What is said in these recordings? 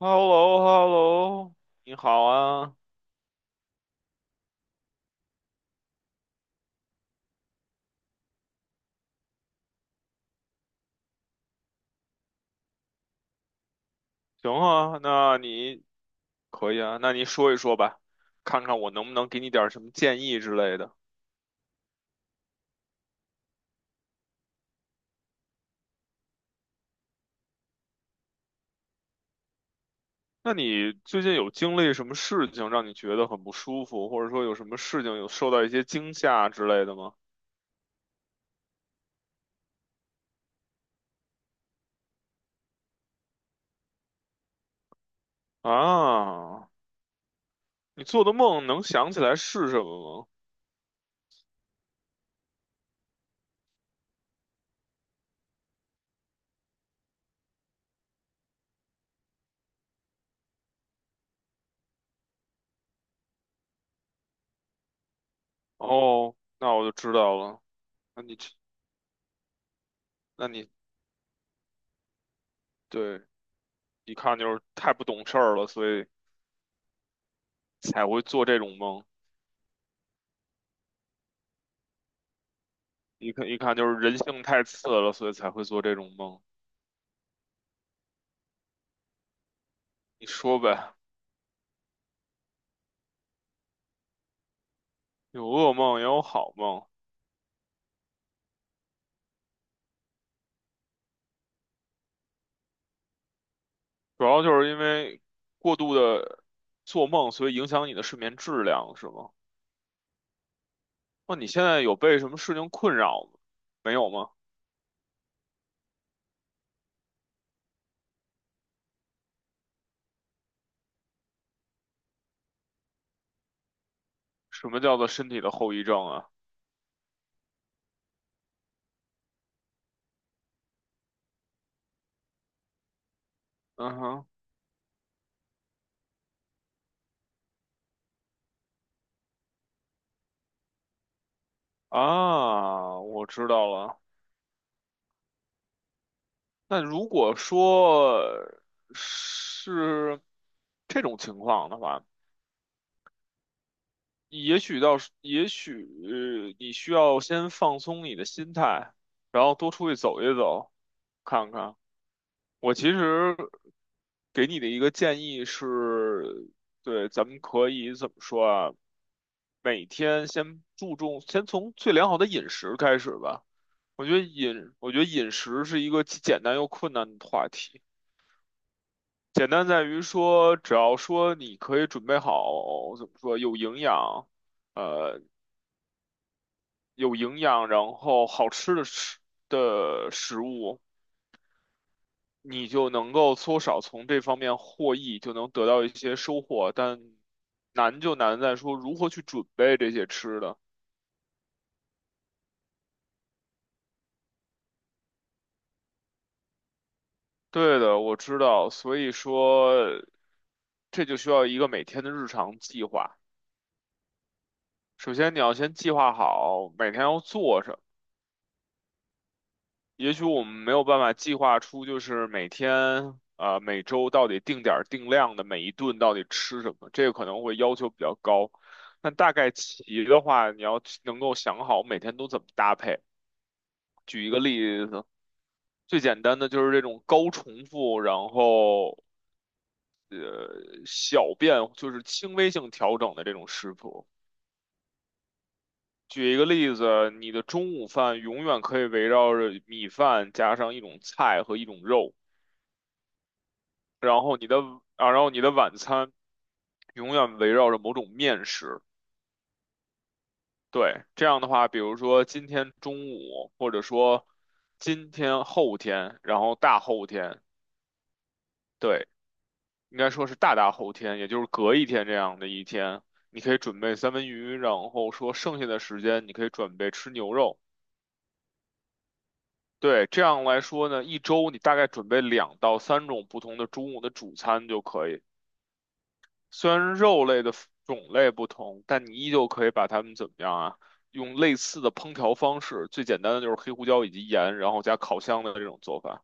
h e l l o h e l l o 你好啊，行啊，那你可以啊，那你说一说吧，看看我能不能给你点儿什么建议之类的。那你最近有经历什么事情让你觉得很不舒服，或者说有什么事情有受到一些惊吓之类的吗？啊，你做的梦能想起来是什么吗？哦，那我就知道了。那你这那你对，一看就是太不懂事儿了，所以才会做这种梦。一看就是人性太次了，所以才会做这种梦。你说呗，有噩梦也有好梦，主要就是因为过度的做梦，所以影响你的睡眠质量，是吗？那你现在有被什么事情困扰吗？没有吗？什么叫做身体的后遗症啊？嗯哼，啊，我知道了。那如果说是这种情况的话，也许你需要先放松你的心态，然后多出去走一走，看看。我其实给你的一个建议是，对，咱们可以怎么说啊？每天先注重，先从最良好的饮食开始吧。我觉得饮食是一个既简单又困难的话题。简单在于说，只要说你可以准备好，怎么说，有营养。呃，有营养，然后好吃的食物，你就能够多少从这方面获益，就能得到一些收获。但难就难在说如何去准备这些吃的。对的，我知道，所以说这就需要一个每天的日常计划。首先，你要先计划好每天要做什么。也许我们没有办法计划出，就是每天啊、每周到底定点儿定量的每一顿到底吃什么，这个可能会要求比较高。但大概齐的话，你要能够想好每天都怎么搭配。举一个例子，最简单的就是这种高重复，然后小变，就是轻微性调整的这种食谱。举一个例子，你的中午饭永远可以围绕着米饭加上一种菜和一种肉。然后你的啊，然后你的晚餐永远围绕着某种面食。对，这样的话，比如说今天中午，或者说今天后天，然后大后天，对，应该说是大大后天，也就是隔一天这样的一天，你可以准备三文鱼，然后说剩下的时间你可以准备吃牛肉。对，这样来说呢，一周你大概准备2到3种不同的中午的主餐就可以。虽然肉类的种类不同，但你依旧可以把它们怎么样啊？用类似的烹调方式，最简单的就是黑胡椒以及盐，然后加烤箱的这种做法，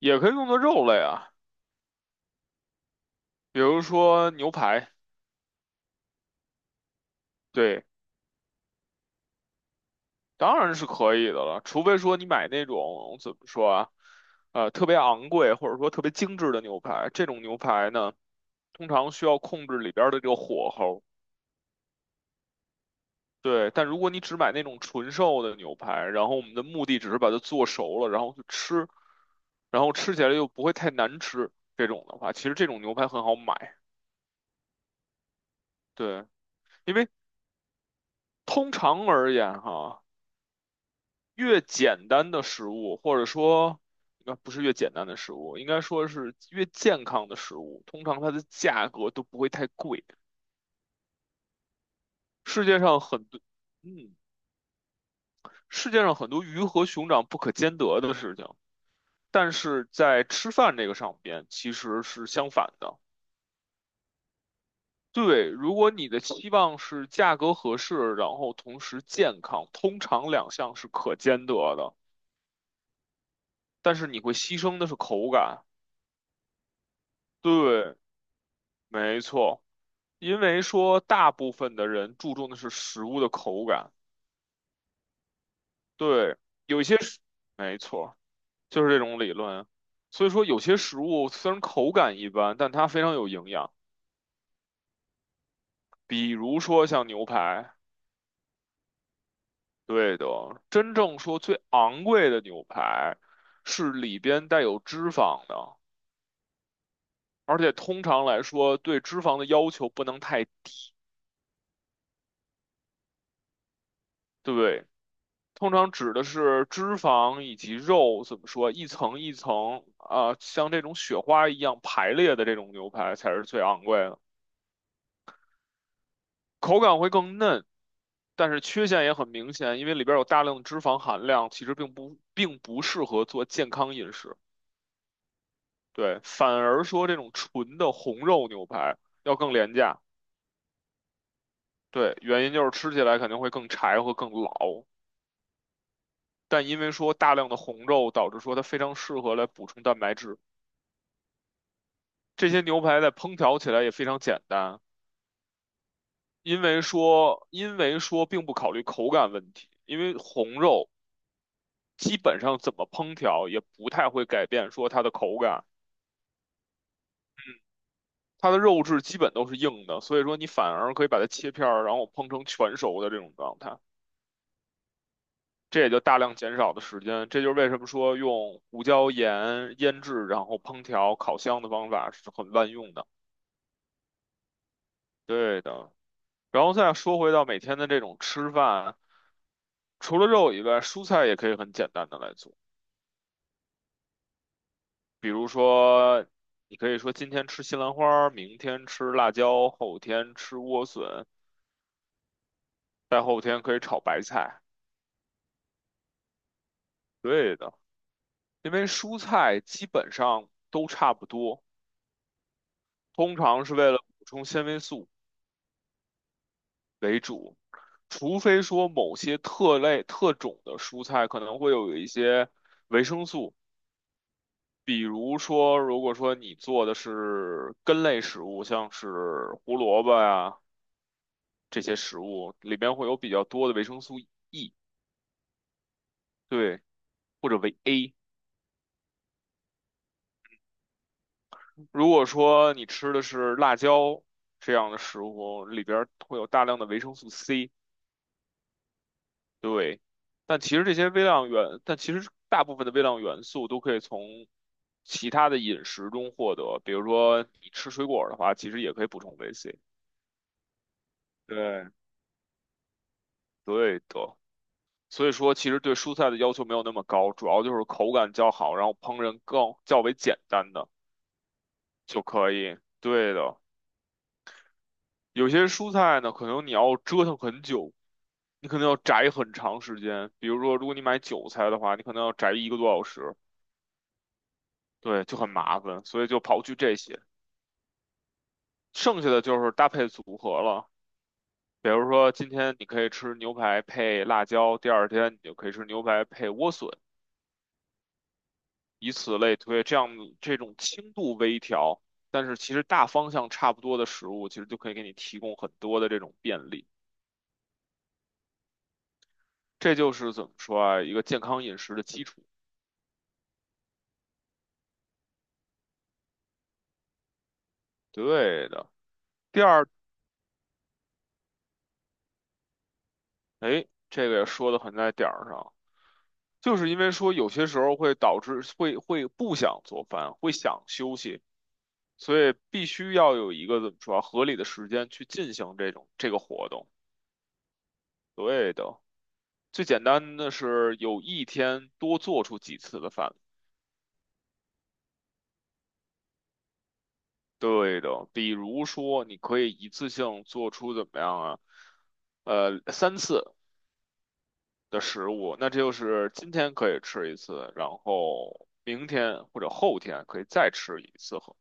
也可以用作肉类啊，比如说牛排，对，当然是可以的了，除非说你买那种怎么说啊，特别昂贵或者说特别精致的牛排，这种牛排呢，通常需要控制里边儿的这个火候。对，但如果你只买那种纯瘦的牛排，然后我们的目的只是把它做熟了，然后去吃，然后吃起来又不会太难吃，这种的话，其实这种牛排很好买。对，因为通常而言哈，越简单的食物，或者说，应该不是越简单的食物，应该说是越健康的食物，通常它的价格都不会太贵。世界上很多，嗯，世界上很多鱼和熊掌不可兼得的事情。但是在吃饭这个上边其实是相反的。对，如果你的期望是价格合适，然后同时健康，通常两项是可兼得的，但是你会牺牲的是口感。对，没错，因为说大部分的人注重的是食物的口感。对，有一些食，没错，就是这种理论。所以说，有些食物虽然口感一般，但它非常有营养，比如说像牛排。对的，真正说最昂贵的牛排是里边带有脂肪的，而且通常来说对脂肪的要求不能太，对，通常指的是脂肪以及肉，怎么说，一层一层啊，像这种雪花一样排列的这种牛排才是最昂贵的，口感会更嫩，但是缺陷也很明显，因为里边有大量的脂肪含量，其实并不适合做健康饮食。对，反而说这种纯的红肉牛排要更廉价。对，原因就是吃起来肯定会更柴和更老，但因为说大量的红肉，导致说它非常适合来补充蛋白质。这些牛排在烹调起来也非常简单，因为说并不考虑口感问题，因为红肉基本上怎么烹调也不太会改变说它的口感，它的肉质基本都是硬的，所以说你反而可以把它切片儿，然后烹成全熟的这种状态。这也就大量减少的时间。这就是为什么说用胡椒盐腌制，然后烹调、烤箱的方法是很万用的。对的。然后再说回到每天的这种吃饭，除了肉以外，蔬菜也可以很简单的来做。比如说，你可以说今天吃西兰花，明天吃辣椒，后天吃莴笋，再后天可以炒白菜。对的，因为蔬菜基本上都差不多，通常是为了补充纤维素。为主，除非说某些特类特种的蔬菜可能会有一些维生素，比如说如果说你做的是根类食物，像是胡萝卜呀、这些食物，里边会有比较多的维生素 E，对，或者维 A。如果说你吃的是辣椒这样的食物，里边会有大量的维生素 C。对，但其实大部分的微量元素都可以从其他的饮食中获得，比如说你吃水果儿的话，其实也可以补充维 C。对，对的，所以说其实对蔬菜的要求没有那么高，主要就是口感较好，然后烹饪更较为简单的就可以。对的，有些蔬菜呢，可能你要折腾很久，你可能要摘很长时间。比如说，如果你买韭菜的话，你可能要摘一个多小时。对，就很麻烦，所以就刨去这些，剩下的就是搭配组合了。比如说，今天你可以吃牛排配辣椒，第二天你就可以吃牛排配莴笋，以此类推。这种轻度微调，但是其实大方向差不多的食物，其实就可以给你提供很多的这种便利。这就是怎么说啊，一个健康饮食的基础。对的。第二，哎，这个也说的很在点儿上。就是因为说有些时候会导致会不想做饭，会想休息，所以必须要有一个怎么说啊合理的时间去进行这种这个活动。对的，最简单的是有一天多做出几次的饭。对的，比如说你可以一次性做出怎么样啊？三次的食物，那这就是今天可以吃一次，然后明天或者后天可以再吃一次。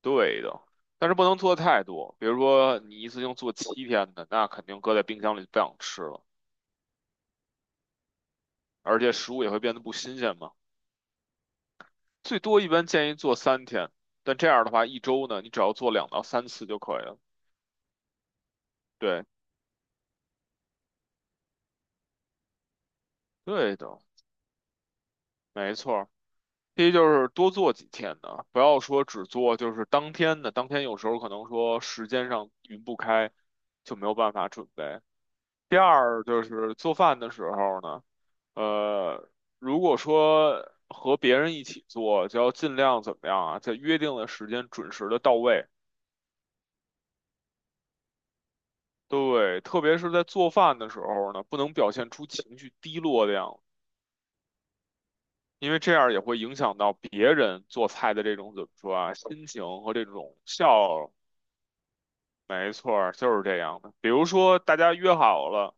对的，但是不能做太多，比如说你一次性做7天的，那肯定搁在冰箱里就不想吃了。而且食物也会变得不新鲜嘛。最多一般建议做3天，但这样的话一周呢，你只要做2到3次就可以了。对，对的，没错。第一就是多做几天的，不要说只做就是当天的，当天有时候可能说时间上匀不开，就没有办法准备。第二就是做饭的时候呢，呃，如果说和别人一起做，就要尽量怎么样啊，在约定的时间准时的到位。对，特别是在做饭的时候呢，不能表现出情绪低落的样子，因为这样也会影响到别人做菜的这种怎么说啊，心情和这种笑没错儿，就是这样的。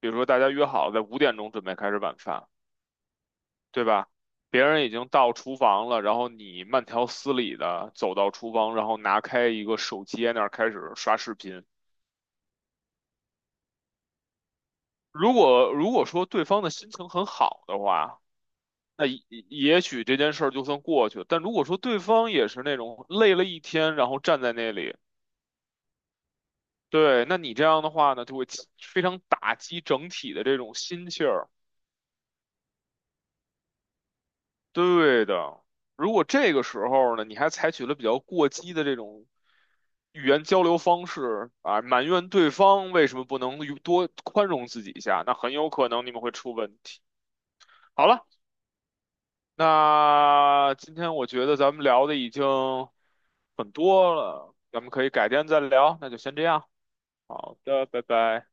比如说大家约好了在5点钟准备开始晚饭，对吧？别人已经到厨房了，然后你慢条斯理的走到厨房，然后拿开一个手机在那儿开始刷视频。如果说对方的心情很好的话，那也也许这件事儿就算过去了。但如果说对方也是那种累了一天，然后站在那里，对，那你这样的话呢，就会起非常打击整体的这种心气儿。对的，如果这个时候呢，你还采取了比较过激的这种语言交流方式啊，埋怨对方为什么不能与多宽容自己一下，那很有可能你们会出问题。好了。那今天我觉得咱们聊的已经很多了，咱们可以改天再聊，那就先这样。好的，拜拜。